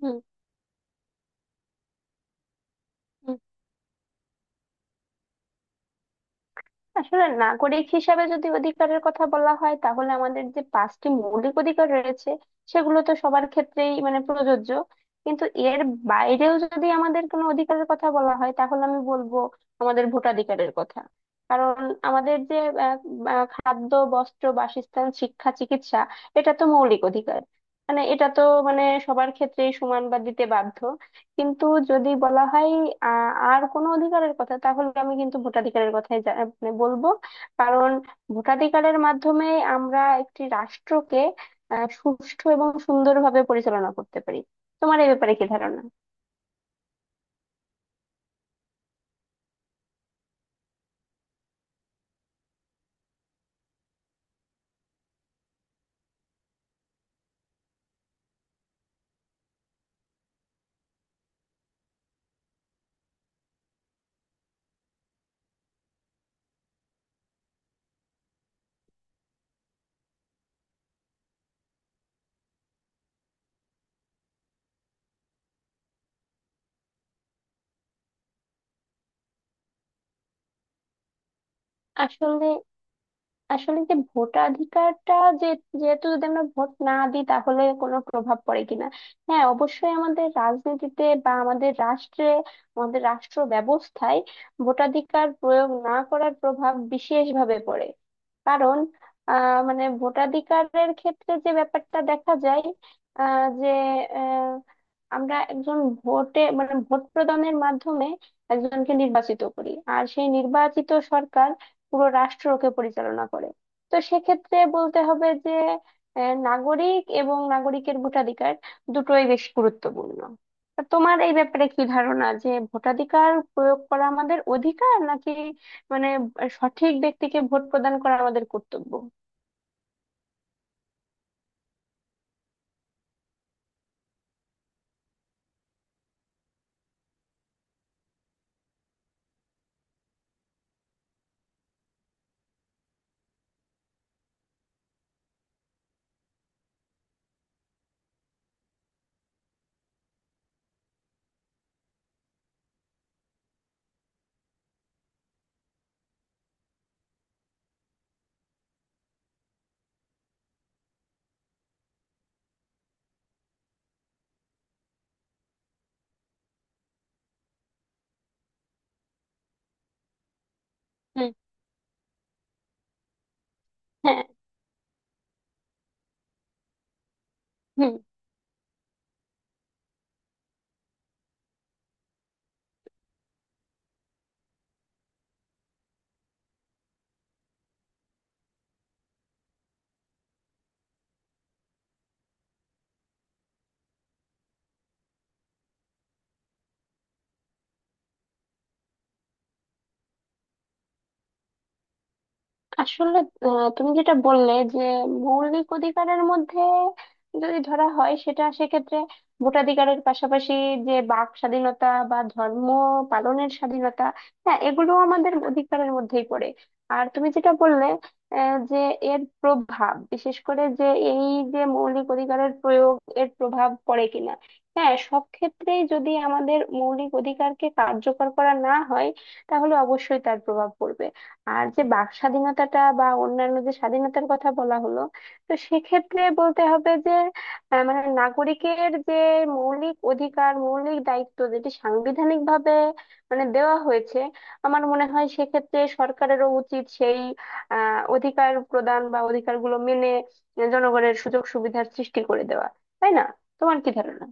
হুম, হুম। আসলে নাগরিক হিসাবে যদি অধিকারের কথা বলা হয় তাহলে আমাদের যে পাঁচটি মৌলিক অধিকার রয়েছে সেগুলো তো সবার ক্ষেত্রেই মানে প্রযোজ্য। কিন্তু এর বাইরেও যদি আমাদের কোনো অধিকারের কথা বলা হয় তাহলে আমি বলবো আমাদের ভোটাধিকারের কথা। কারণ আমাদের যে আহ, আহ, খাদ্য বস্ত্র বাসস্থান শিক্ষা চিকিৎসা এটা তো মৌলিক অধিকার। মানে এটা তো মানে সবার ক্ষেত্রেই সমান বা দিতে বাধ্য। কিন্তু যদি বলা হয় আর কোনো অধিকারের কথা, তাহলে আমি কিন্তু ভোটাধিকারের কথাই মানে বলবো। কারণ ভোটাধিকারের মাধ্যমে আমরা একটি রাষ্ট্রকে সুষ্ঠু এবং সুন্দরভাবে পরিচালনা করতে পারি। তোমার এ ব্যাপারে কি ধারণা? আসলে আসলে যে ভোটাধিকারটা, যে যেহেতু যদি আমরা ভোট না দিই তাহলে কোনো প্রভাব পড়ে কিনা, হ্যাঁ অবশ্যই আমাদের রাজনীতিতে বা আমাদের রাষ্ট্রে, আমাদের রাষ্ট্র ব্যবস্থায় ভোটাধিকার প্রয়োগ না করার প্রভাব বিশেষভাবে পড়ে। কারণ মানে ভোটাধিকারের ক্ষেত্রে যে ব্যাপারটা দেখা যায়, যে আহ আমরা একজন ভোটে মানে ভোট প্রদানের মাধ্যমে একজনকে নির্বাচিত করি, আর সেই নির্বাচিত সরকার পুরো রাষ্ট্রকে পরিচালনা করে। তো সেক্ষেত্রে বলতে হবে যে নাগরিক এবং নাগরিকের ভোটাধিকার দুটোই বেশ গুরুত্বপূর্ণ। তা তোমার এই ব্যাপারে কি ধারণা, যে ভোটাধিকার প্রয়োগ করা আমাদের অধিকার, নাকি মানে সঠিক ব্যক্তিকে ভোট প্রদান করা আমাদের কর্তব্য? হুম, হ্যাঁ, হুম। আসলে তুমি যেটা বললে যে মৌলিক অধিকারের মধ্যে যদি ধরা হয় সেটা, সেক্ষেত্রে ভোটাধিকারের পাশাপাশি যে বাক স্বাধীনতা বা ধর্ম পালনের স্বাধীনতা, হ্যাঁ এগুলো আমাদের অধিকারের মধ্যেই পড়ে। আর তুমি যেটা বললে যে এর প্রভাব বিশেষ করে যে এই যে মৌলিক অধিকারের প্রয়োগ এর প্রভাব পড়ে কিনা, হ্যাঁ সব ক্ষেত্রেই যদি আমাদের মৌলিক অধিকারকে কার্যকর করা না হয় তাহলে অবশ্যই তার প্রভাব পড়বে। আর যে বাক স্বাধীনতাটা বা অন্যান্য যে স্বাধীনতার কথা বলা হলো, তো সেক্ষেত্রে বলতে হবে যে মানে নাগরিকের যে মৌলিক অধিকার মৌলিক দায়িত্ব যেটি সাংবিধানিক ভাবে মানে দেওয়া হয়েছে, আমার মনে হয় সেক্ষেত্রে সরকারেরও উচিত সেই অধিকার প্রদান বা অধিকারগুলো মেনে জনগণের সুযোগ সুবিধার সৃষ্টি করে দেওয়া। তাই না? তোমার কি ধারণা?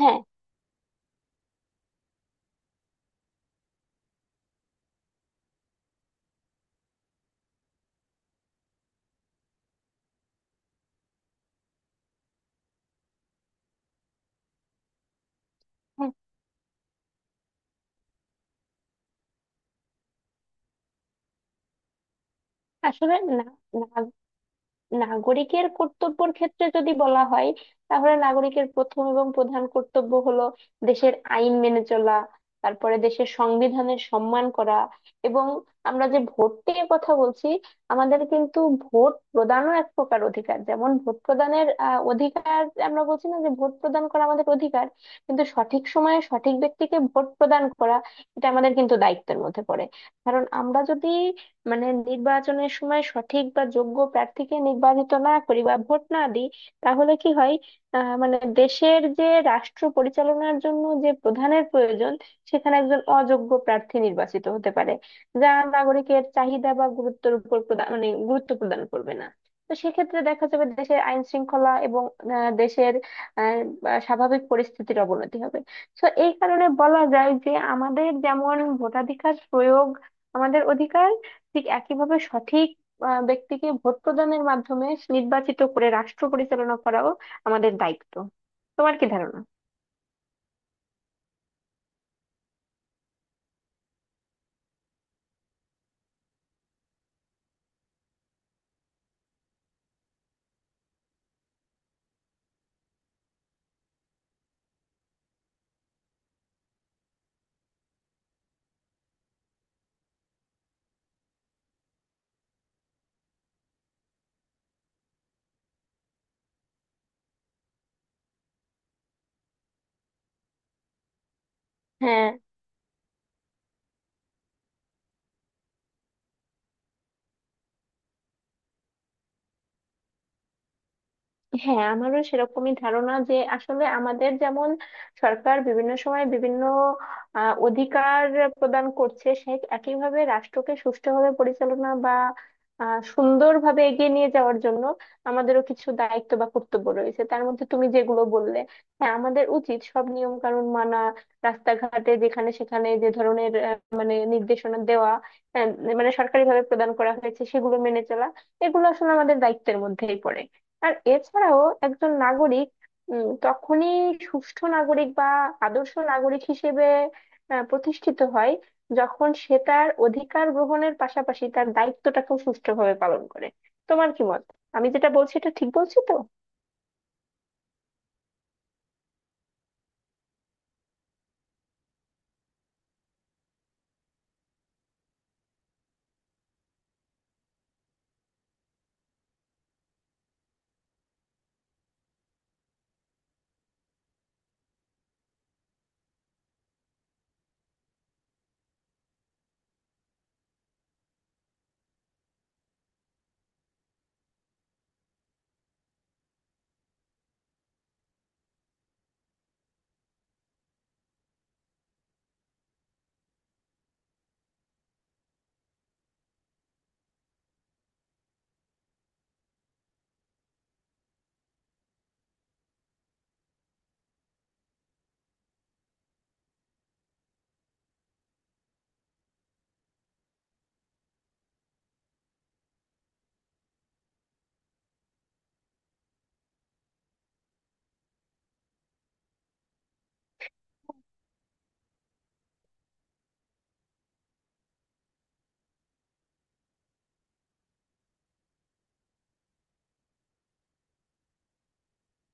হ্যাঁ, হ্যাঁ। আসলে। না। নাগরিকের কর্তব্যের ক্ষেত্রে যদি বলা হয় তাহলে নাগরিকের প্রথম এবং প্রধান কর্তব্য হলো দেশের আইন মেনে চলা, তারপরে দেশের সংবিধানের সম্মান করা। এবং আমরা যে ভোট নিয়ে কথা বলছি, আমাদের কিন্তু ভোট প্রদানও এক প্রকার অধিকার, যেমন ভোট প্রদানের অধিকার। আমরা বলছি না যে ভোট প্রদান করা আমাদের অধিকার, কিন্তু সঠিক সময়ে সঠিক ব্যক্তিকে ভোট প্রদান করা এটা আমাদের কিন্তু দায়িত্বের মধ্যে পড়ে। কারণ আমরা যদি মানে নির্বাচনের সময় সঠিক বা যোগ্য প্রার্থীকে নির্বাচিত না করি বা ভোট না দিই তাহলে কি হয়? মানে দেশের যে রাষ্ট্র পরিচালনার জন্য যে প্রধানের প্রয়োজন, সেখানে একজন অযোগ্য প্রার্থী নির্বাচিত হতে পারে, যা নাগরিকের চাহিদা বা গুরুত্বের উপর প্রদান মানে গুরুত্ব প্রদান করবে না। তো সেক্ষেত্রে দেখা যাবে দেশের আইন শৃঙ্খলা এবং দেশের আহ, বা স্বাভাবিক পরিস্থিতির অবনতি হবে। তো এই কারণে বলা যায় যে আমাদের যেমন ভোটাধিকার প্রয়োগ আমাদের অধিকার, ঠিক একইভাবে সঠিক ব্যক্তিকে ভোট প্রদানের মাধ্যমে নির্বাচিত করে রাষ্ট্র পরিচালনা করাও আমাদের দায়িত্ব। তোমার কি ধারণা? হ্যাঁ, হ্যাঁ, আমারও সেরকমই ধারণা যে আসলে আমাদের যেমন সরকার বিভিন্ন সময় বিভিন্ন অধিকার প্রদান করছে, সে একইভাবে রাষ্ট্রকে সুষ্ঠুভাবে পরিচালনা বা সুন্দরভাবে এগিয়ে নিয়ে যাওয়ার জন্য আমাদেরও কিছু দায়িত্ব বা কর্তব্য রয়েছে। তার মধ্যে তুমি যেগুলো বললে, হ্যাঁ আমাদের উচিত সব নিয়ম কানুন মানা, রাস্তাঘাটে যেখানে সেখানে যে ধরনের মানে নির্দেশনা দেওয়া আহ, মানে সরকারিভাবে প্রদান করা হয়েছে সেগুলো মেনে চলা, এগুলো আসলে আমাদের দায়িত্বের মধ্যেই পড়ে। আর এছাড়াও একজন নাগরিক তখনই সুষ্ঠু নাগরিক বা আদর্শ নাগরিক হিসেবে প্রতিষ্ঠিত হয় যখন সে তার অধিকার গ্রহণের পাশাপাশি তার দায়িত্বটাকেও সুষ্ঠুভাবে পালন করে। তোমার কি মত? আমি যেটা বলছি এটা ঠিক বলছি তো?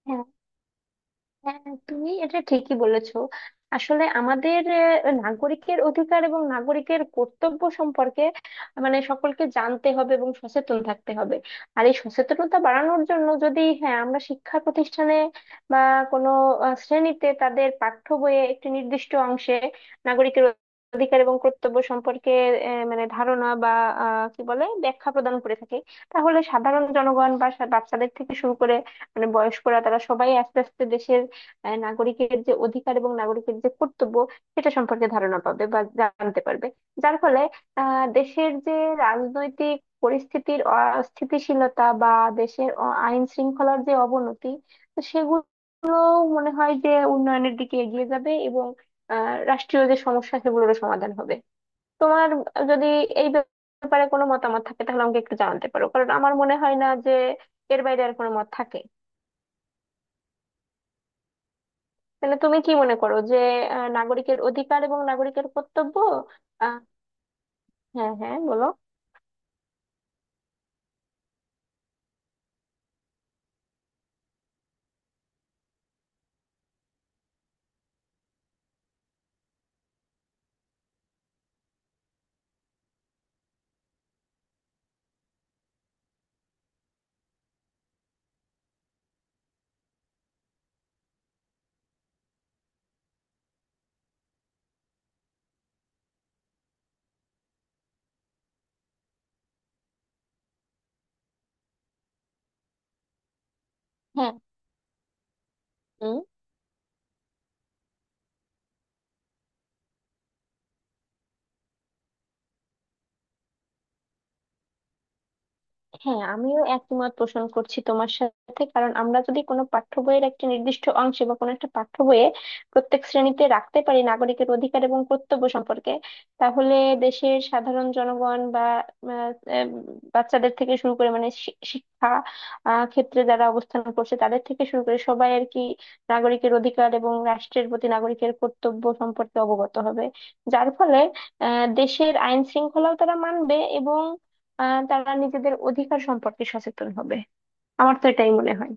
হ্যাঁ, হ্যাঁ, তুমি এটা ঠিকই বলেছো। আসলে আমাদের নাগরিকের অধিকার এবং নাগরিকের কর্তব্য সম্পর্কে মানে সকলকে জানতে হবে এবং সচেতন থাকতে হবে। আর এই সচেতনতা বাড়ানোর জন্য যদি হ্যাঁ আমরা শিক্ষা প্রতিষ্ঠানে বা কোনো শ্রেণীতে তাদের পাঠ্য বইয়ে একটি নির্দিষ্ট অংশে নাগরিকের অধিকার এবং কর্তব্য সম্পর্কে মানে ধারণা বা কি বলে ব্যাখ্যা প্রদান করে থাকে, তাহলে সাধারণ জনগণ বা বাচ্চাদের থেকে শুরু করে মানে বয়স্করা, তারা সবাই আস্তে আস্তে নাগরিকের যে অধিকার এবং নাগরিকের যে কর্তব্য সেটা সম্পর্কে ধারণা পাবে বা জানতে পারবে। যার ফলে দেশের যে রাজনৈতিক পরিস্থিতির অস্থিতিশীলতা বা দেশের আইন শৃঙ্খলার যে অবনতি, তো সেগুলো মনে হয় যে উন্নয়নের দিকে এগিয়ে যাবে, এবং রাষ্ট্রীয় যে সমস্যা সেগুলোরও সমাধান হবে। তোমার যদি এই ব্যাপারে কোনো মতামত থাকে তাহলে আমাকে একটু জানাতে পারো, কারণ আমার মনে হয় না যে এর বাইরে আর কোনো মত থাকে। তাহলে তুমি কি মনে করো যে নাগরিকের অধিকার এবং নাগরিকের কর্তব্য আহ, হ্যাঁ, হ্যাঁ, বলো। হ্যাঁ, হ্যাঁ, আমিও একমত পোষণ করছি তোমার সাথে। কারণ আমরা যদি কোনো পাঠ্য বইয়ের একটা নির্দিষ্ট অংশে বা কোনো একটা পাঠ্য বইয়ে প্রত্যেক শ্রেণীতে রাখতে পারি নাগরিকের অধিকার এবং কর্তব্য সম্পর্কে, তাহলে দেশের সাধারণ জনগণ বা আহ, আহ, বাচ্চাদের থেকে শুরু করে মানে শিক্ষা ক্ষেত্রে যারা অবস্থান করছে তাদের থেকে শুরু করে সবাই আর কি, নাগরিকের অধিকার এবং রাষ্ট্রের প্রতি নাগরিকের কর্তব্য সম্পর্কে অবগত হবে। যার ফলে দেশের আইন শৃঙ্খলাও তারা মানবে, এবং তারা নিজেদের অধিকার সম্পর্কে সচেতন হবে। আমার তো এটাই মনে হয়।